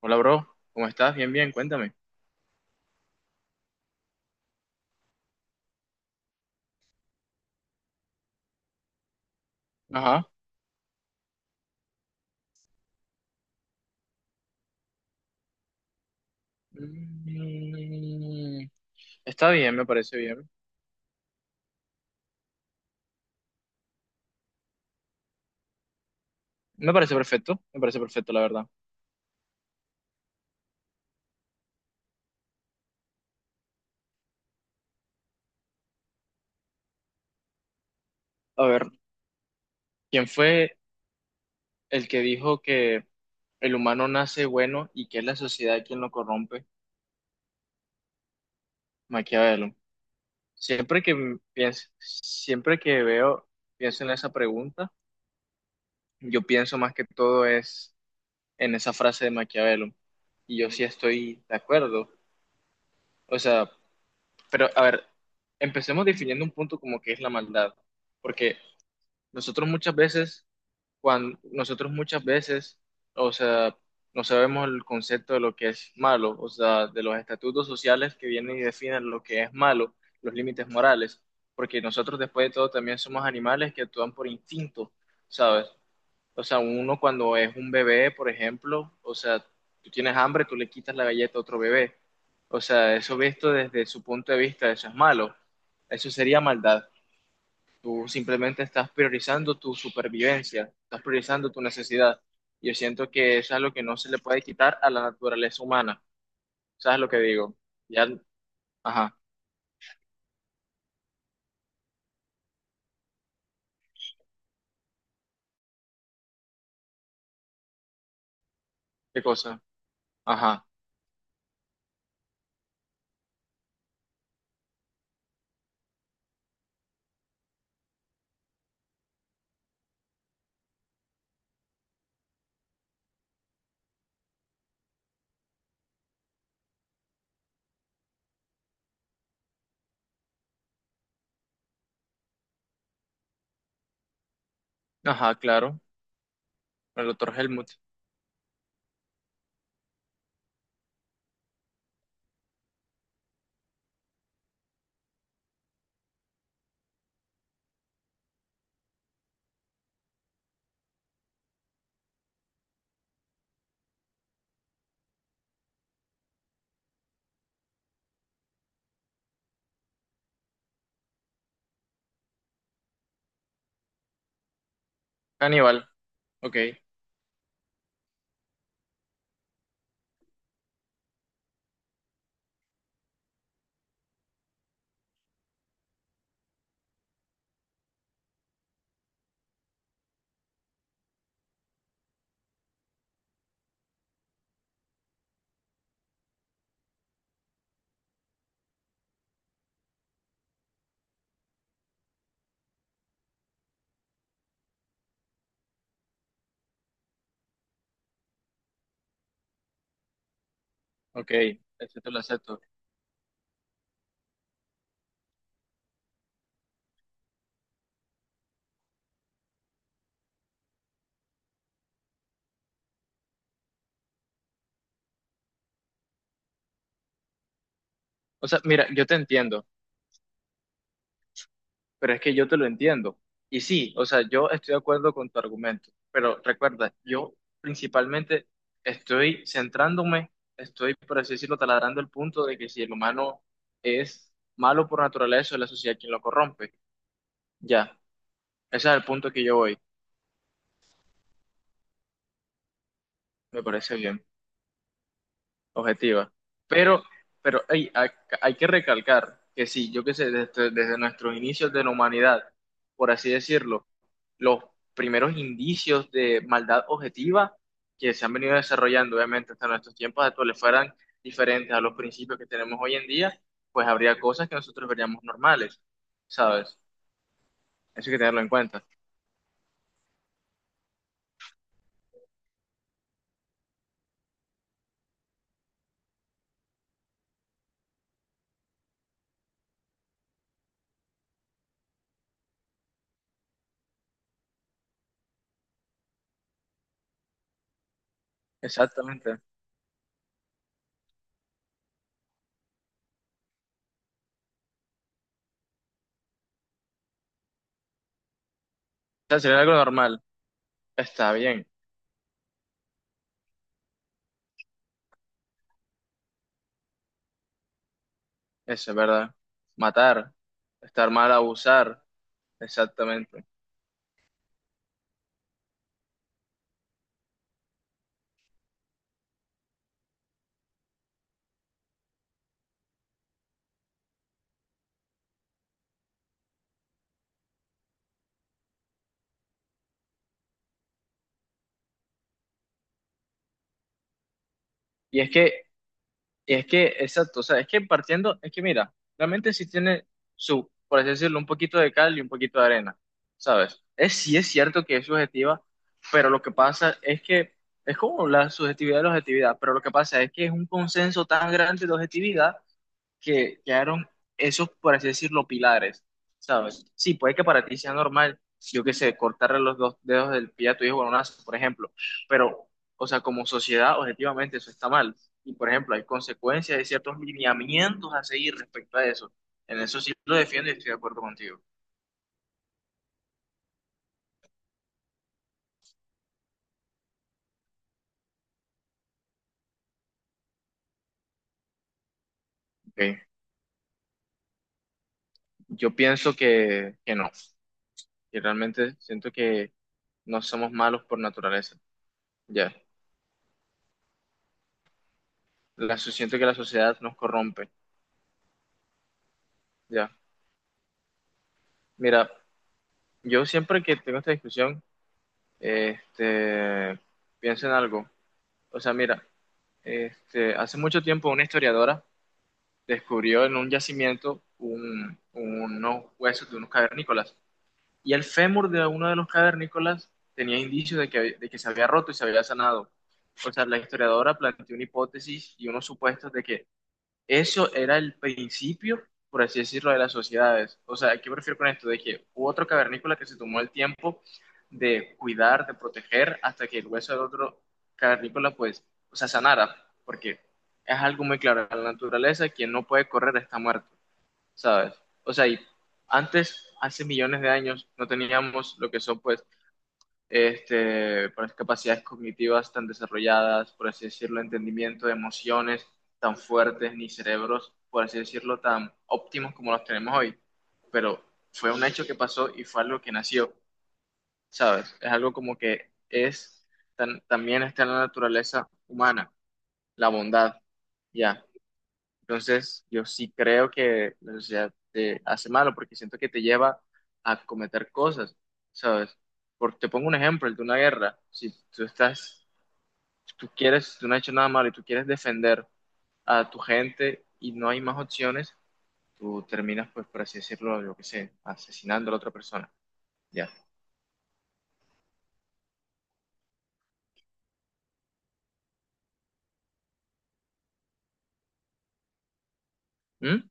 Hola, bro. ¿Cómo estás? Bien, bien, cuéntame. Ajá. Mm, está bien. Me parece perfecto, la verdad. A ver, ¿quién fue el que dijo que el humano nace bueno y que es la sociedad quien lo corrompe? Maquiavelo. Siempre que pienso, siempre que veo, pienso en esa pregunta, yo pienso más que todo es en esa frase de Maquiavelo. Y yo sí estoy de acuerdo. O sea, pero, a ver, empecemos definiendo un punto como que es la maldad, porque nosotros muchas veces, nosotros muchas veces, o sea, no sabemos el concepto de lo que es malo, o sea, de los estatutos sociales que vienen y definen lo que es malo, los límites morales, porque nosotros después de todo también somos animales que actúan por instinto, ¿sabes? O sea, uno cuando es un bebé, por ejemplo, o sea, tú tienes hambre, tú le quitas la galleta a otro bebé. O sea, eso visto desde su punto de vista, eso es malo. Eso sería maldad. Tú simplemente estás priorizando tu supervivencia, estás priorizando tu necesidad. Yo siento que eso es lo que no se le puede quitar a la naturaleza humana. ¿Sabes lo que digo? Ya, ajá, ¿qué cosa? Ajá, ajá, claro. El doctor Helmut. Caníbal, ok, ok, acepto, lo acepto. O sea, mira, yo te entiendo, pero es que yo te lo entiendo. Y sí, o sea, yo estoy de acuerdo con tu argumento, pero recuerda, yo principalmente estoy centrándome, estoy, por así decirlo, taladrando el punto de que si el humano es malo por naturaleza, es la sociedad quien lo corrompe. Ya, ese es el punto que yo voy, me parece bien. Objetiva. Pero, pero ey, hay que recalcar que sí, yo qué sé, desde nuestros inicios de la humanidad, por así decirlo, los primeros indicios de maldad objetiva que se han venido desarrollando, obviamente, hasta nuestros tiempos actuales fueran diferentes a los principios que tenemos hoy en día, pues habría cosas que nosotros veríamos normales, ¿sabes? Eso hay que tenerlo en cuenta. Exactamente. O sea, sería algo normal. Está bien, eso es verdad. Matar, estar mal, abusar. Exactamente. Y es que, y es que, exacto, o sea, es que partiendo, es que mira, realmente sí tiene su, por así decirlo, un poquito de cal y un poquito de arena, ¿sabes? Es, sí es cierto que es subjetiva, pero lo que pasa es que es como la subjetividad de la objetividad, pero lo que pasa es que es un consenso tan grande de objetividad que quedaron esos, por así decirlo, pilares, ¿sabes? Sí, puede que para ti sea normal, yo qué sé, cortarle los dos dedos del pie a tu hijo con un lazo, por ejemplo, pero, o sea, como sociedad, objetivamente eso está mal. Y, por ejemplo, hay consecuencias, hay ciertos lineamientos a seguir respecto a eso. En eso sí lo defiendo y estoy de acuerdo contigo. Ok. Yo pienso que no, que realmente siento que no somos malos por naturaleza, ya. La, siento que la sociedad nos corrompe, ya. Mira, yo siempre que tengo esta discusión, este, pienso en algo. O sea, mira, hace mucho tiempo una historiadora descubrió en un yacimiento unos huesos de unos cavernícolas. Y el fémur de uno de los cavernícolas tenía indicios de que se había roto y se había sanado. O sea, la historiadora planteó una hipótesis y unos supuestos de que eso era el principio, por así decirlo, de las sociedades. O sea, ¿qué me refiero con esto? De que hubo otro cavernícola que se tomó el tiempo de cuidar, de proteger, hasta que el hueso del otro cavernícola, pues, o sea, sanara. Porque es algo muy claro, en la naturaleza, quien no puede correr está muerto, ¿sabes? O sea, y antes, hace millones de años, no teníamos lo que son, pues, por las capacidades cognitivas tan desarrolladas, por así decirlo, entendimiento de emociones tan fuertes, ni cerebros, por así decirlo, tan óptimos como los tenemos hoy. Pero fue un hecho que pasó y fue algo que nació, ¿sabes? Es algo como que es, también está en la naturaleza humana, la bondad, ya. Entonces, yo sí creo que la sociedad te hace malo porque siento que te lleva a cometer cosas, ¿sabes? Por te pongo un ejemplo, el de una guerra. Si tú estás, si tú quieres, si tú no has hecho nada malo y tú quieres defender a tu gente y no hay más opciones, tú terminas, pues, por así decirlo, yo qué sé, asesinando a la otra persona. Ya. ¿Mm?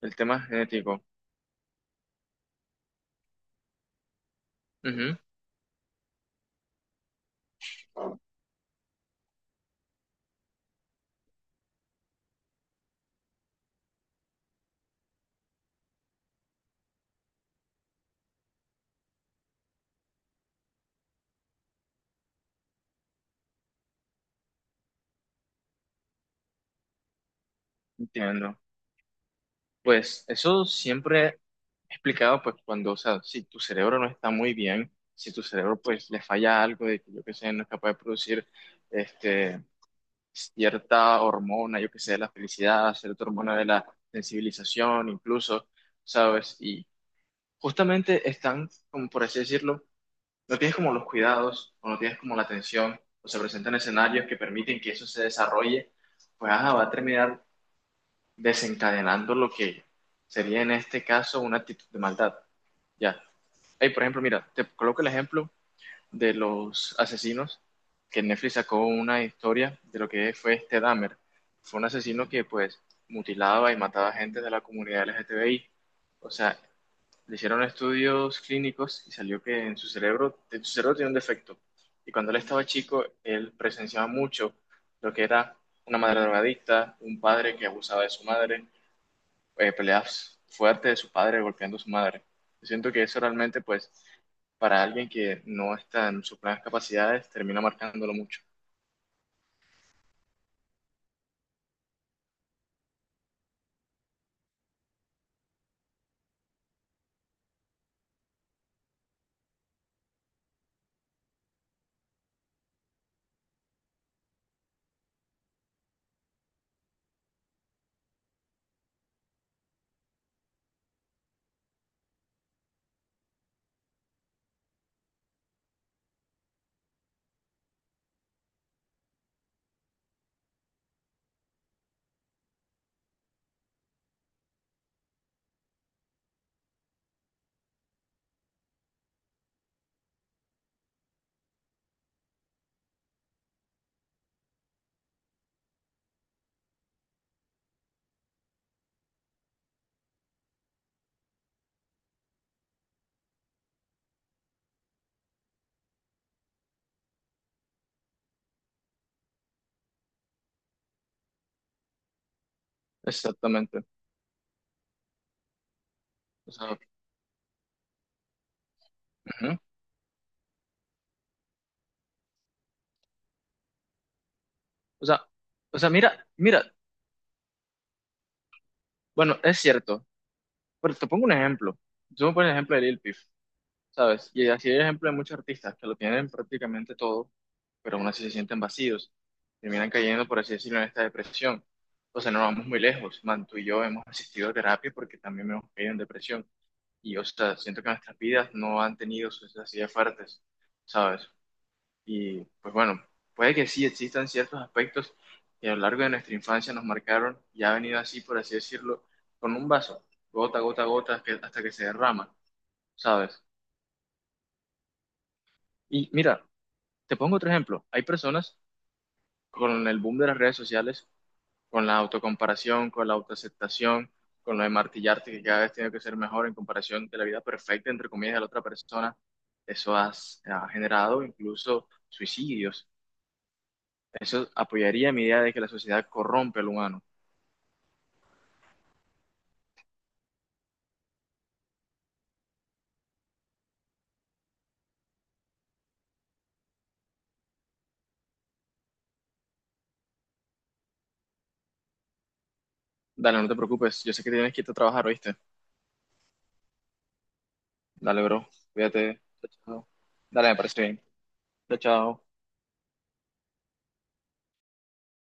El tema genético. Ujú, entiendo. Pues eso siempre explicado, pues cuando, o sea, si tu cerebro no está muy bien, si tu cerebro pues le falla algo de que yo que sé, no es capaz de producir este, cierta hormona, yo que sé, de la felicidad, cierta hormona de la sensibilización, incluso, ¿sabes? Y justamente están, como por así decirlo, no tienes como los cuidados o no tienes como la atención o se presentan escenarios que permiten que eso se desarrolle, pues ajá, va a terminar desencadenando lo que sería en este caso una actitud de maldad. Ya. Hey, por ejemplo, mira, te coloco el ejemplo de los asesinos que Netflix sacó una historia de lo que fue este Dahmer. Fue un asesino que pues mutilaba y mataba gente de la comunidad LGTBI. O sea, le hicieron estudios clínicos y salió que en su cerebro tenía un defecto. Y cuando él estaba chico, él presenciaba mucho lo que era una madre drogadicta, un padre que abusaba de su madre, peleas fuertes de su padre golpeando a su madre. Yo siento que eso realmente, pues, para alguien que no está en sus plenas capacidades, termina marcándolo mucho. Exactamente. O sea, ujú. O sea, mira, bueno, es cierto, pero te pongo un ejemplo. Yo me pongo el ejemplo de Lil Peep, ¿sabes? Y así hay ejemplo de muchos artistas que lo tienen prácticamente todo, pero aún así se sienten vacíos, terminan cayendo, por así decirlo, en esta depresión. O sea, no vamos muy lejos, man, tú y yo hemos asistido a terapia porque también hemos caído en depresión. Y, o sea, siento que nuestras vidas no han tenido sus necesidades fuertes, ¿sabes? Y, pues bueno, puede que sí existan ciertos aspectos que a lo largo de nuestra infancia nos marcaron y ha venido así, por así decirlo, con un vaso, gota, gota, gota, hasta que se derrama, ¿sabes? Y mira, te pongo otro ejemplo. Hay personas con el boom de las redes sociales con la autocomparación, con la autoaceptación, con lo de martillarte que cada vez tiene que ser mejor en comparación de la vida perfecta, entre comillas, de la otra persona, eso ha generado incluso suicidios. Eso apoyaría mi idea de que la sociedad corrompe al humano. Dale, no te preocupes, yo sé que tienes que irte a trabajar, ¿oíste? Dale, bro, cuídate. Chao, chao. Dale, me parece bien. Chao, chao.